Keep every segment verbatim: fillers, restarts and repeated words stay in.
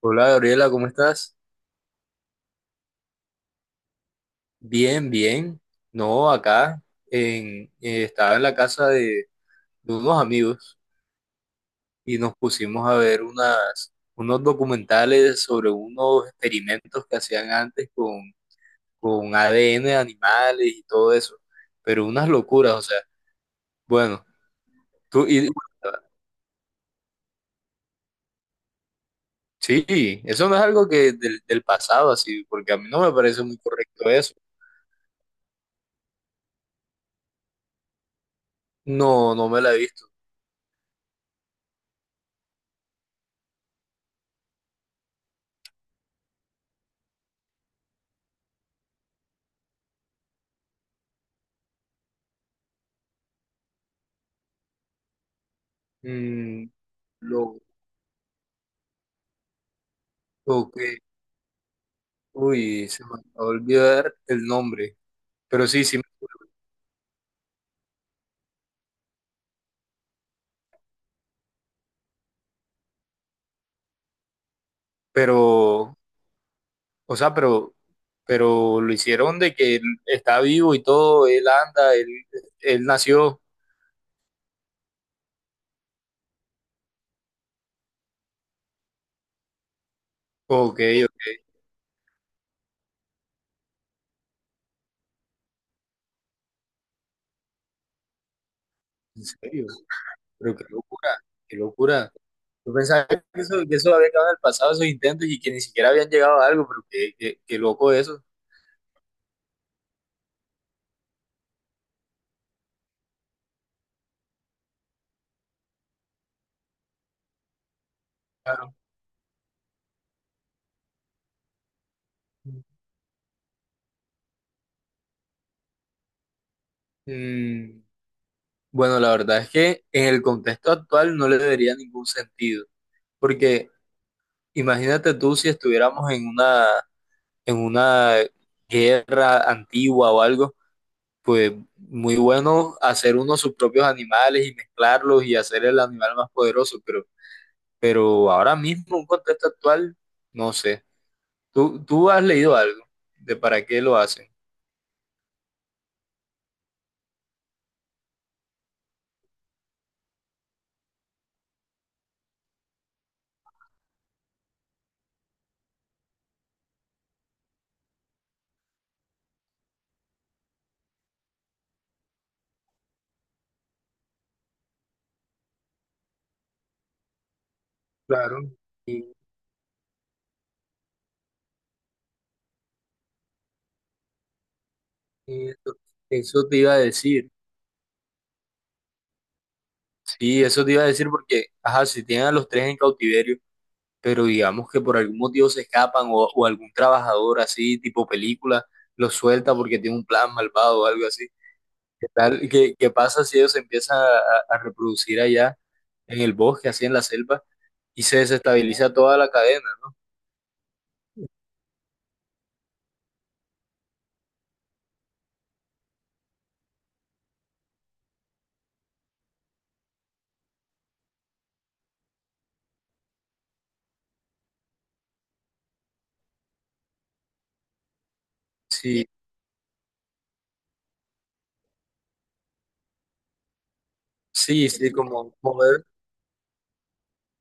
Hola Gabriela, ¿cómo estás? Bien, bien. No, acá en, eh, estaba en la casa de, de unos amigos y nos pusimos a ver unas, unos documentales sobre unos experimentos que hacían antes con, con A D N de animales y todo eso. Pero unas locuras, o sea, bueno, tú y sí, eso no es algo que del, del pasado así, porque a mí no me parece muy correcto eso. No, no me la he visto. Mm, lo, ok. Uy, se me acabó de olvidar el nombre. Pero sí, sí, me acuerdo. Pero, o sea, pero, pero lo hicieron de que él está vivo y todo, él anda, él, él nació. Ok, ok, en serio. Pero qué locura, qué locura. Yo pensaba que eso, que eso había quedado en el pasado, esos intentos, y que ni siquiera habían llegado a algo, pero qué, qué, qué loco eso. Claro. Mm, bueno, la verdad es que en el contexto actual no le debería ningún sentido, porque imagínate tú si estuviéramos en una, en una guerra antigua o algo, pues muy bueno hacer uno sus propios animales y mezclarlos y hacer el animal más poderoso, pero, pero ahora mismo, un contexto actual, no sé. ¿Tú, tú has leído algo de para qué lo hacen? Claro. Y, y esto- eso te iba a decir, sí, eso te iba a decir porque, ajá, si tienen a los tres en cautiverio, pero digamos que por algún motivo se escapan o, o algún trabajador así, tipo película, los suelta porque tiene un plan malvado o algo así. ¿Qué tal? ¿Qué, qué pasa si ellos se empiezan a, a reproducir allá en el bosque, así en la selva, y se desestabiliza toda la cadena, ¿no? Sí, sí, sí, como mover,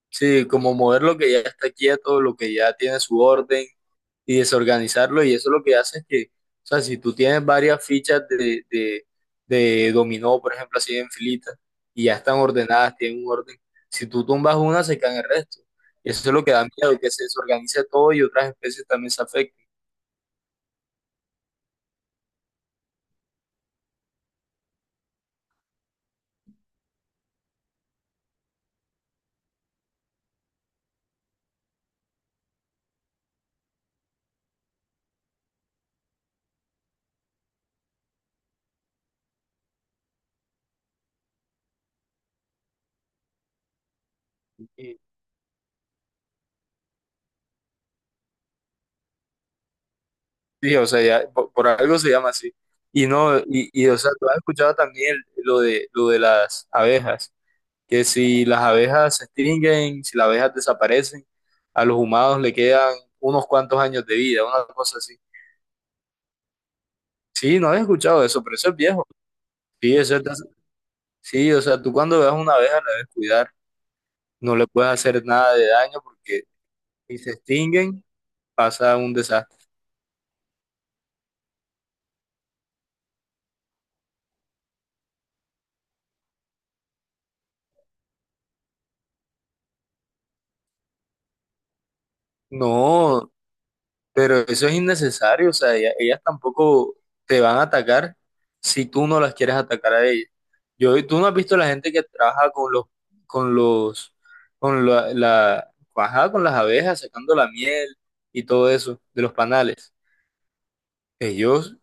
sí, como mover lo que ya está quieto, lo que ya tiene su orden, y desorganizarlo. Y eso lo que hace es que, o sea, si tú tienes varias fichas de, de, de dominó, por ejemplo, así en filitas, y ya están ordenadas, tienen un orden, si tú tumbas una, se caen el resto. Y eso es lo que da miedo, que se desorganice todo y otras especies también se afecten. Y, sí, o sea, ya, por, por algo se llama así. Y no, y, y o sea, tú has escuchado también el- lo de, lo de las abejas. Que si las abejas se extinguen, si las abejas desaparecen, a los humanos le quedan unos cuantos años de vida, una cosa así. Sí, no había escuchado eso, pero eso es viejo. Sí, eso es de hace- sí, o sea, tú cuando veas una abeja la debes cuidar, no le puedes hacer nada de daño porque si se extinguen pasa un desastre. No, pero eso es innecesario, o sea, ella- ellas, tampoco te van a atacar si tú no las quieres atacar a ellas. Yo, tú no has visto la gente que trabaja con los, con los, con la, la, ajá, con las abejas, sacando la miel y todo eso de los panales. Ellos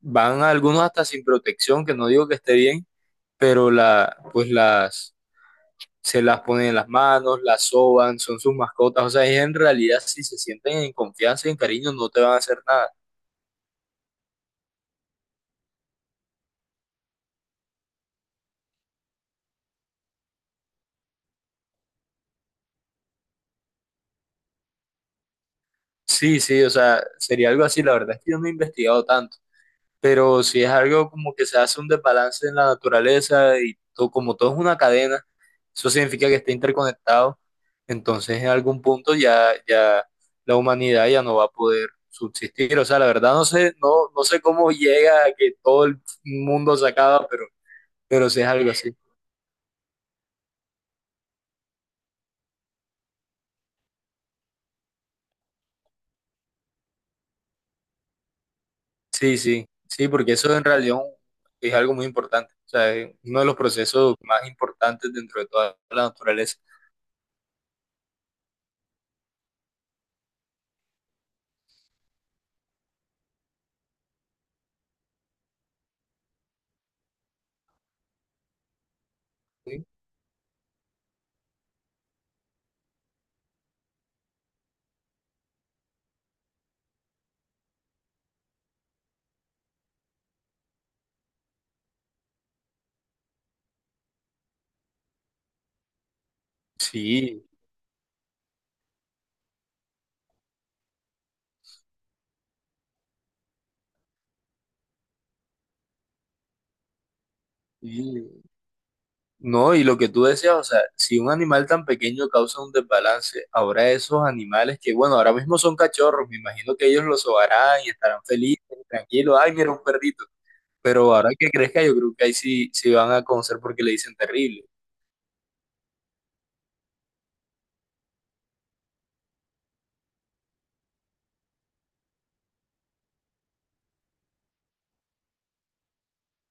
van algunos hasta sin protección, que no digo que esté bien, pero la, pues las, se las ponen en las manos, las soban, son sus mascotas. O sea, ellos en realidad si se sienten en confianza y en cariño no te van a hacer nada. Sí, sí, o sea, sería algo así. La verdad es que yo no he investigado tanto. Pero si es algo como que se hace un desbalance en la naturaleza y to- como todo es una cadena, eso significa que está interconectado, entonces en algún punto ya, ya la humanidad ya no va a poder subsistir. O sea, la verdad no sé, no, no sé cómo llega a que todo el mundo se acaba, pero, pero sí es algo así. Sí, sí, sí, porque eso en realidad un- es algo muy importante. O sea, es uno de los procesos más importantes dentro de toda la naturaleza. Sí, sí. No, y lo que tú decías, o sea, si un animal tan pequeño causa un desbalance, ahora esos animales que, bueno, ahora mismo son cachorros, me imagino que ellos los sobarán y estarán felices, tranquilos, ay, mira un perrito, pero ahora que crezca yo creo que ahí sí, sí van a conocer porque le dicen terrible,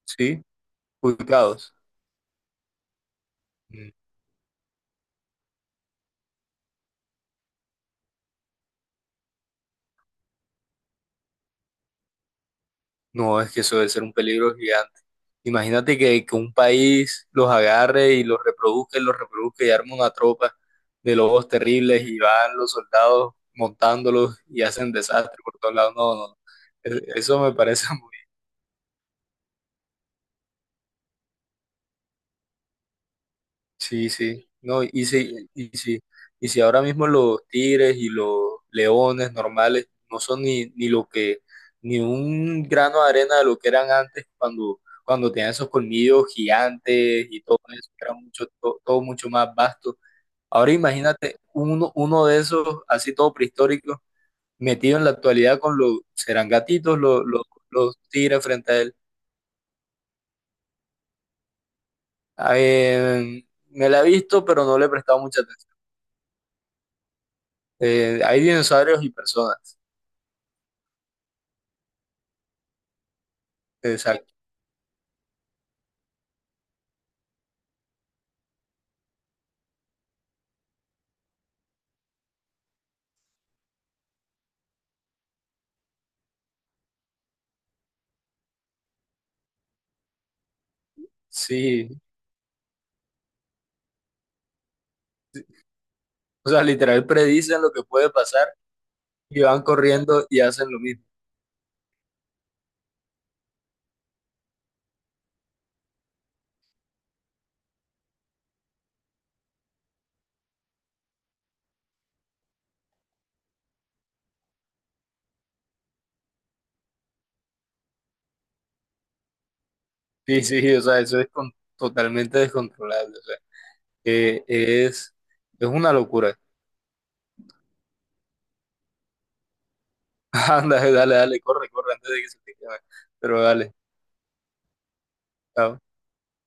¿sí? Ubicados. No, es que eso debe ser un peligro gigante. Imagínate que, que un país los agarre y los reproduzca y los reproduzca y arma una tropa de lobos terribles y van los soldados montándolos y hacen desastre por todos lados. No, no, no. E- eso me parece Sí, sí, no, y si, y si, y si ahora mismo los tigres y los leones normales no son ni, ni lo que, ni un grano de arena de lo que eran antes cuando, cuando tenían esos colmillos gigantes y todo eso, que era mucho, to- todo mucho más vasto. Ahora imagínate uno, uno de esos, así todo prehistórico, metido en la actualidad con los, serán gatitos los, los, los tigres frente a él. Ah, eh, me la he visto, pero no le he prestado mucha atención. Eh, hay dinosaurios y personas. Exacto. Sí. O sea, literal predicen lo que puede pasar y van corriendo y hacen lo mismo. Sí, sí, o sea, eso es con- totalmente descontrolable. O sea, eh, es, es una locura. Anda, dale, dale, corre, corre antes de que se te queme. Pero dale, chao.